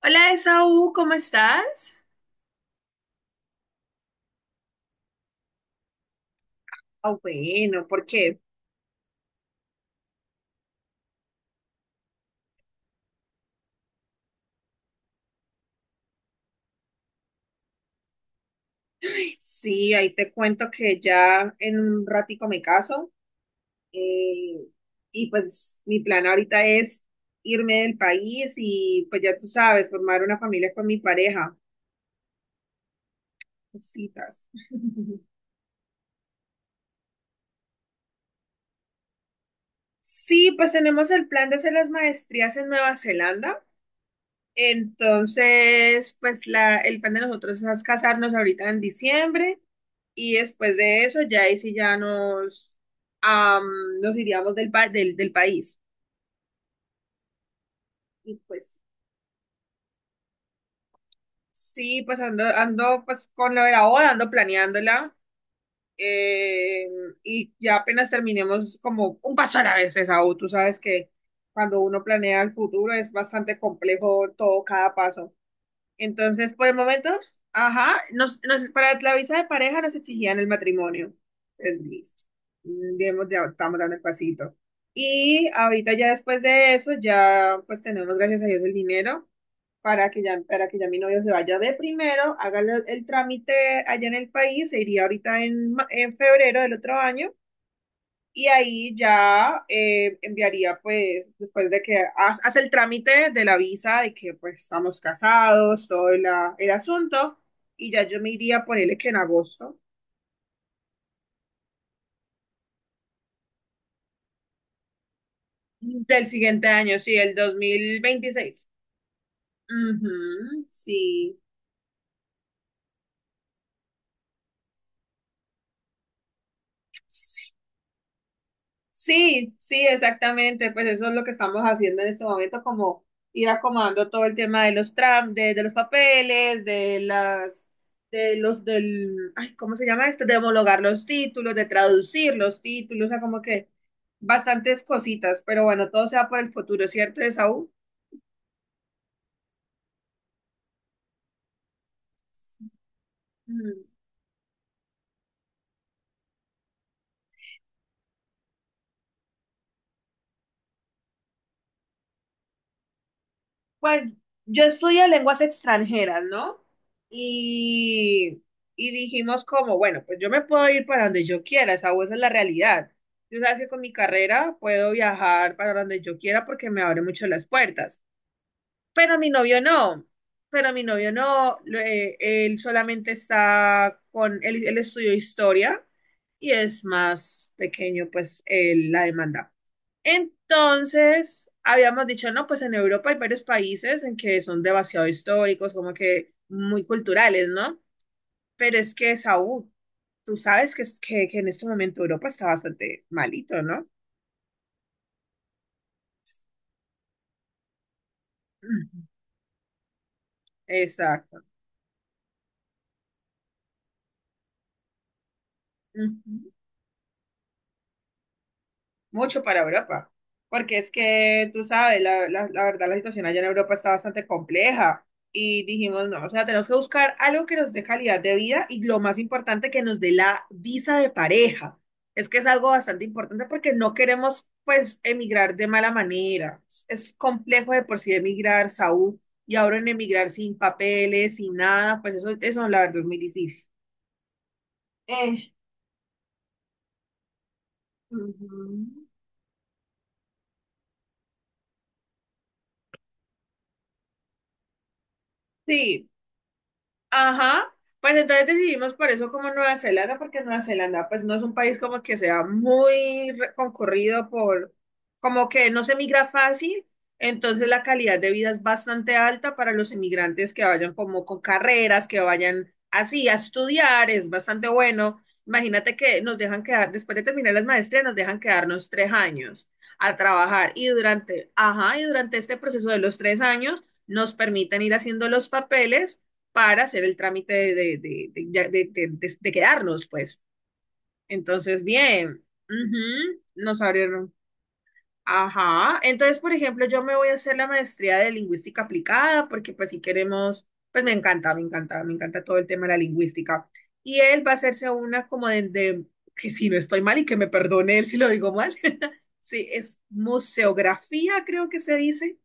Hola, Esaú, ¿cómo estás? Ah, bueno, porque sí, ahí te cuento que ya en un ratico me caso, eh, y pues mi plan ahorita es irme del país y pues ya tú sabes, formar una familia con mi pareja, cositas. Sí, pues tenemos el plan de hacer las maestrías en Nueva Zelanda. Entonces, pues el plan de nosotros es casarnos ahorita en diciembre. Y después de eso, ya ahí sí ya nos, am, nos iríamos del, del país. Y pues sí, pues ando pues con lo de la boda, ando planeándola. eh, y ya apenas terminemos, como un paso a la vez, Esaú. Tú sabes que cuando uno planea el futuro es bastante complejo todo, cada paso. Entonces, por el momento, ajá, para la visa de pareja nos exigían el matrimonio. Es listo. Mm, digamos, ya estamos dando el pasito. Y ahorita ya después de eso, ya pues tenemos, gracias a Dios, el dinero para que ya mi novio se vaya de primero, haga el trámite allá en el país, se iría ahorita en, en febrero del otro año, y ahí ya enviaría, pues, después de que hace el trámite de la visa, de que pues estamos casados, el asunto, y ya yo me iría, ponerle que en agosto del siguiente año, sí, el 2026. Ujú, sí. Sí, sí, exactamente. Pues eso es lo que estamos haciendo en este momento, como ir acomodando todo el tema de de los papeles, de las, de los, del, ay, ¿cómo se llama esto? De homologar los títulos, de traducir los títulos, o sea, como que bastantes cositas. Pero bueno, todo sea por el futuro, ¿cierto, Esaú? Mm. Pues yo estudio lenguas extranjeras, ¿no? Y, y dijimos como, bueno, pues yo me puedo ir para donde yo quiera, esa es la realidad. Yo sabes que con mi carrera puedo viajar para donde yo quiera porque me abre mucho las puertas. Pero mi novio no, él solamente está con, él estudió historia y es más pequeño pues la demanda. Entonces, habíamos dicho, no, pues en Europa hay varios países en que son demasiado históricos, como que muy culturales, ¿no? Pero es que, Saúl, tú sabes que, que en este momento Europa está bastante malito, ¿no? Ujú. Exacto. Ujú. Mucho para Europa, porque es que tú sabes, la verdad la situación allá en Europa está bastante compleja, y dijimos, no, o sea, tenemos que buscar algo que nos dé calidad de vida y lo más importante, que nos dé la visa de pareja. Es que es algo bastante importante porque no queremos, pues, emigrar de mala manera. Es complejo de por sí emigrar, Saúl, y ahora en emigrar sin papeles, sin nada, pues eso la verdad es muy difícil. Eh, ujú. Sí, ajá, pues entonces decidimos por eso como Nueva Zelanda, porque Nueva Zelanda pues no es un país como que sea muy concurrido por, como que no se migra fácil, entonces la calidad de vida es bastante alta para los inmigrantes que vayan como con carreras, que vayan así a estudiar, es bastante bueno. Imagínate que nos dejan quedar, después de terminar las maestrías, nos dejan quedarnos 3 años a trabajar y durante, ajá, y durante este proceso de los 3 años nos permiten ir haciendo los papeles para hacer el trámite de quedarnos, pues. Entonces, bien, ujú, nos abrieron. Ajá, entonces, por ejemplo, yo me voy a hacer la maestría de lingüística aplicada, porque pues si queremos, pues me encanta todo el tema de la lingüística. Y él va a hacerse una como que si no estoy mal y que me perdone él si lo digo mal. Sí, es museografía, creo que se dice.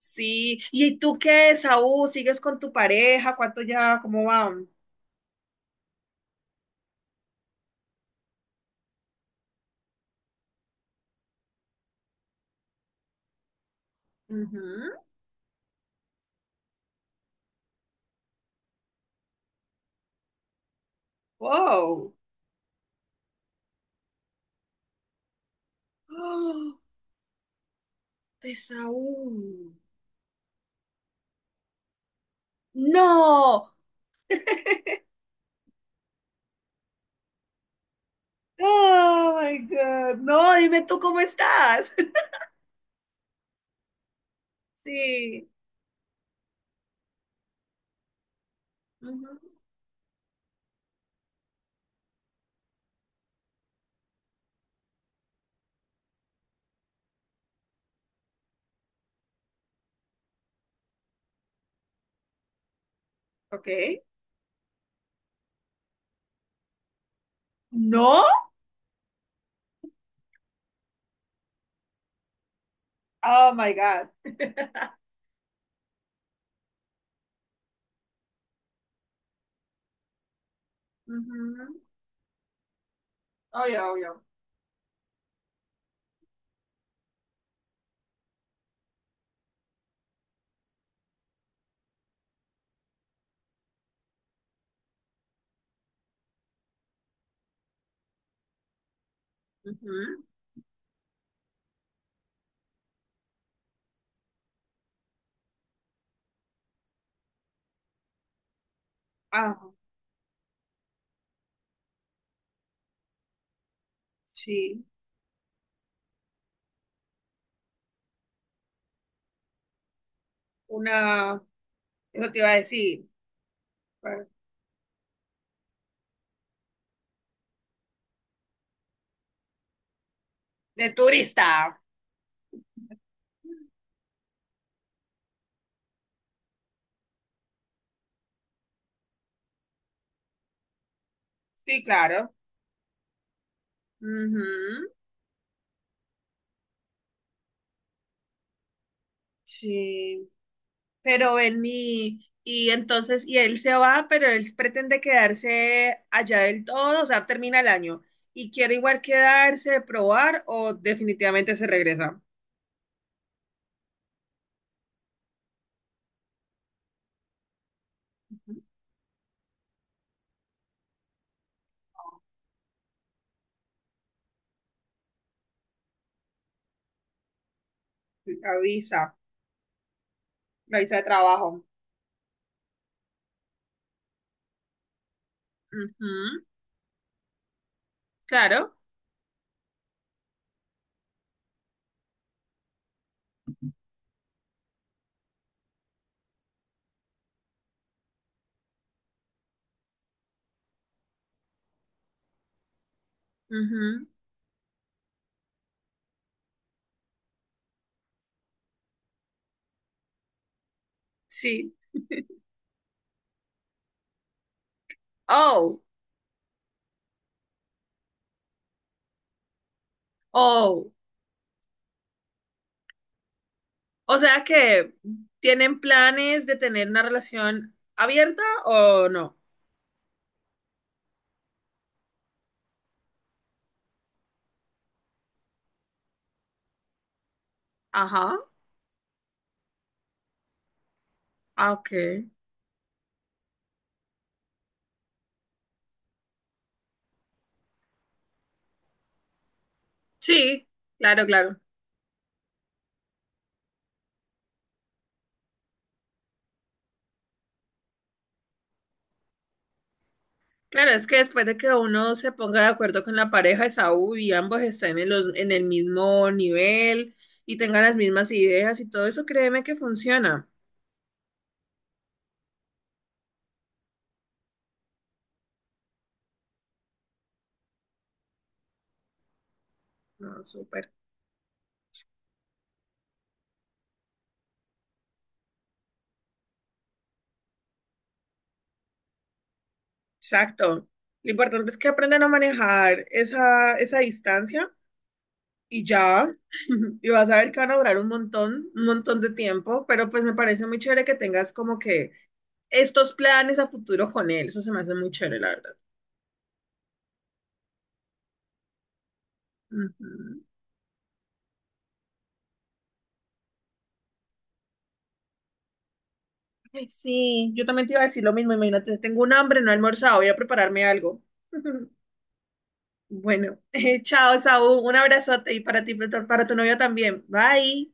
Sí, ¿y tú qué, Saúl? ¿Sigues con tu pareja? ¿Cuánto ya? ¿Cómo va? Ujú. ¡Wow! ¡Oh! Esaú. No. Oh my God. No, dime tú cómo estás. Sí. Ujú. Ok. No. Oh my God. Ujú. Obvio, obvio. Ujú. Ah, sí. Una. Eso te iba a decir. De turista. Sí, claro. Ujú. Sí. Pero vení, y entonces, y él se va, pero él pretende quedarse allá del todo, o sea, termina el año. Y quiere igual quedarse, probar, o definitivamente se regresa. La visa, la visa de trabajo. Ujú, claro. Ujú, sí. Oh, oh. O sea que tienen planes de tener una relación abierta o no. Ajá. Ah, ok. Sí, claro, claro. Claro, es que después de que uno se ponga de acuerdo con la pareja de Saúl y ambos estén en en el mismo nivel y tengan las mismas ideas y todo eso, créeme que funciona. No, súper. Exacto. Lo importante es que aprendan a manejar esa distancia y ya. Y vas a ver que van a durar un montón de tiempo, pero pues me parece muy chévere que tengas como que estos planes a futuro con él. Eso se me hace muy chévere, la verdad. Ujú. Ay, sí, yo también te iba a decir lo mismo. Imagínate, tengo un hambre, no he almorzado, voy a prepararme algo. Bueno, chao, Saúl. Un abrazote y para ti, para tu novio también. Bye.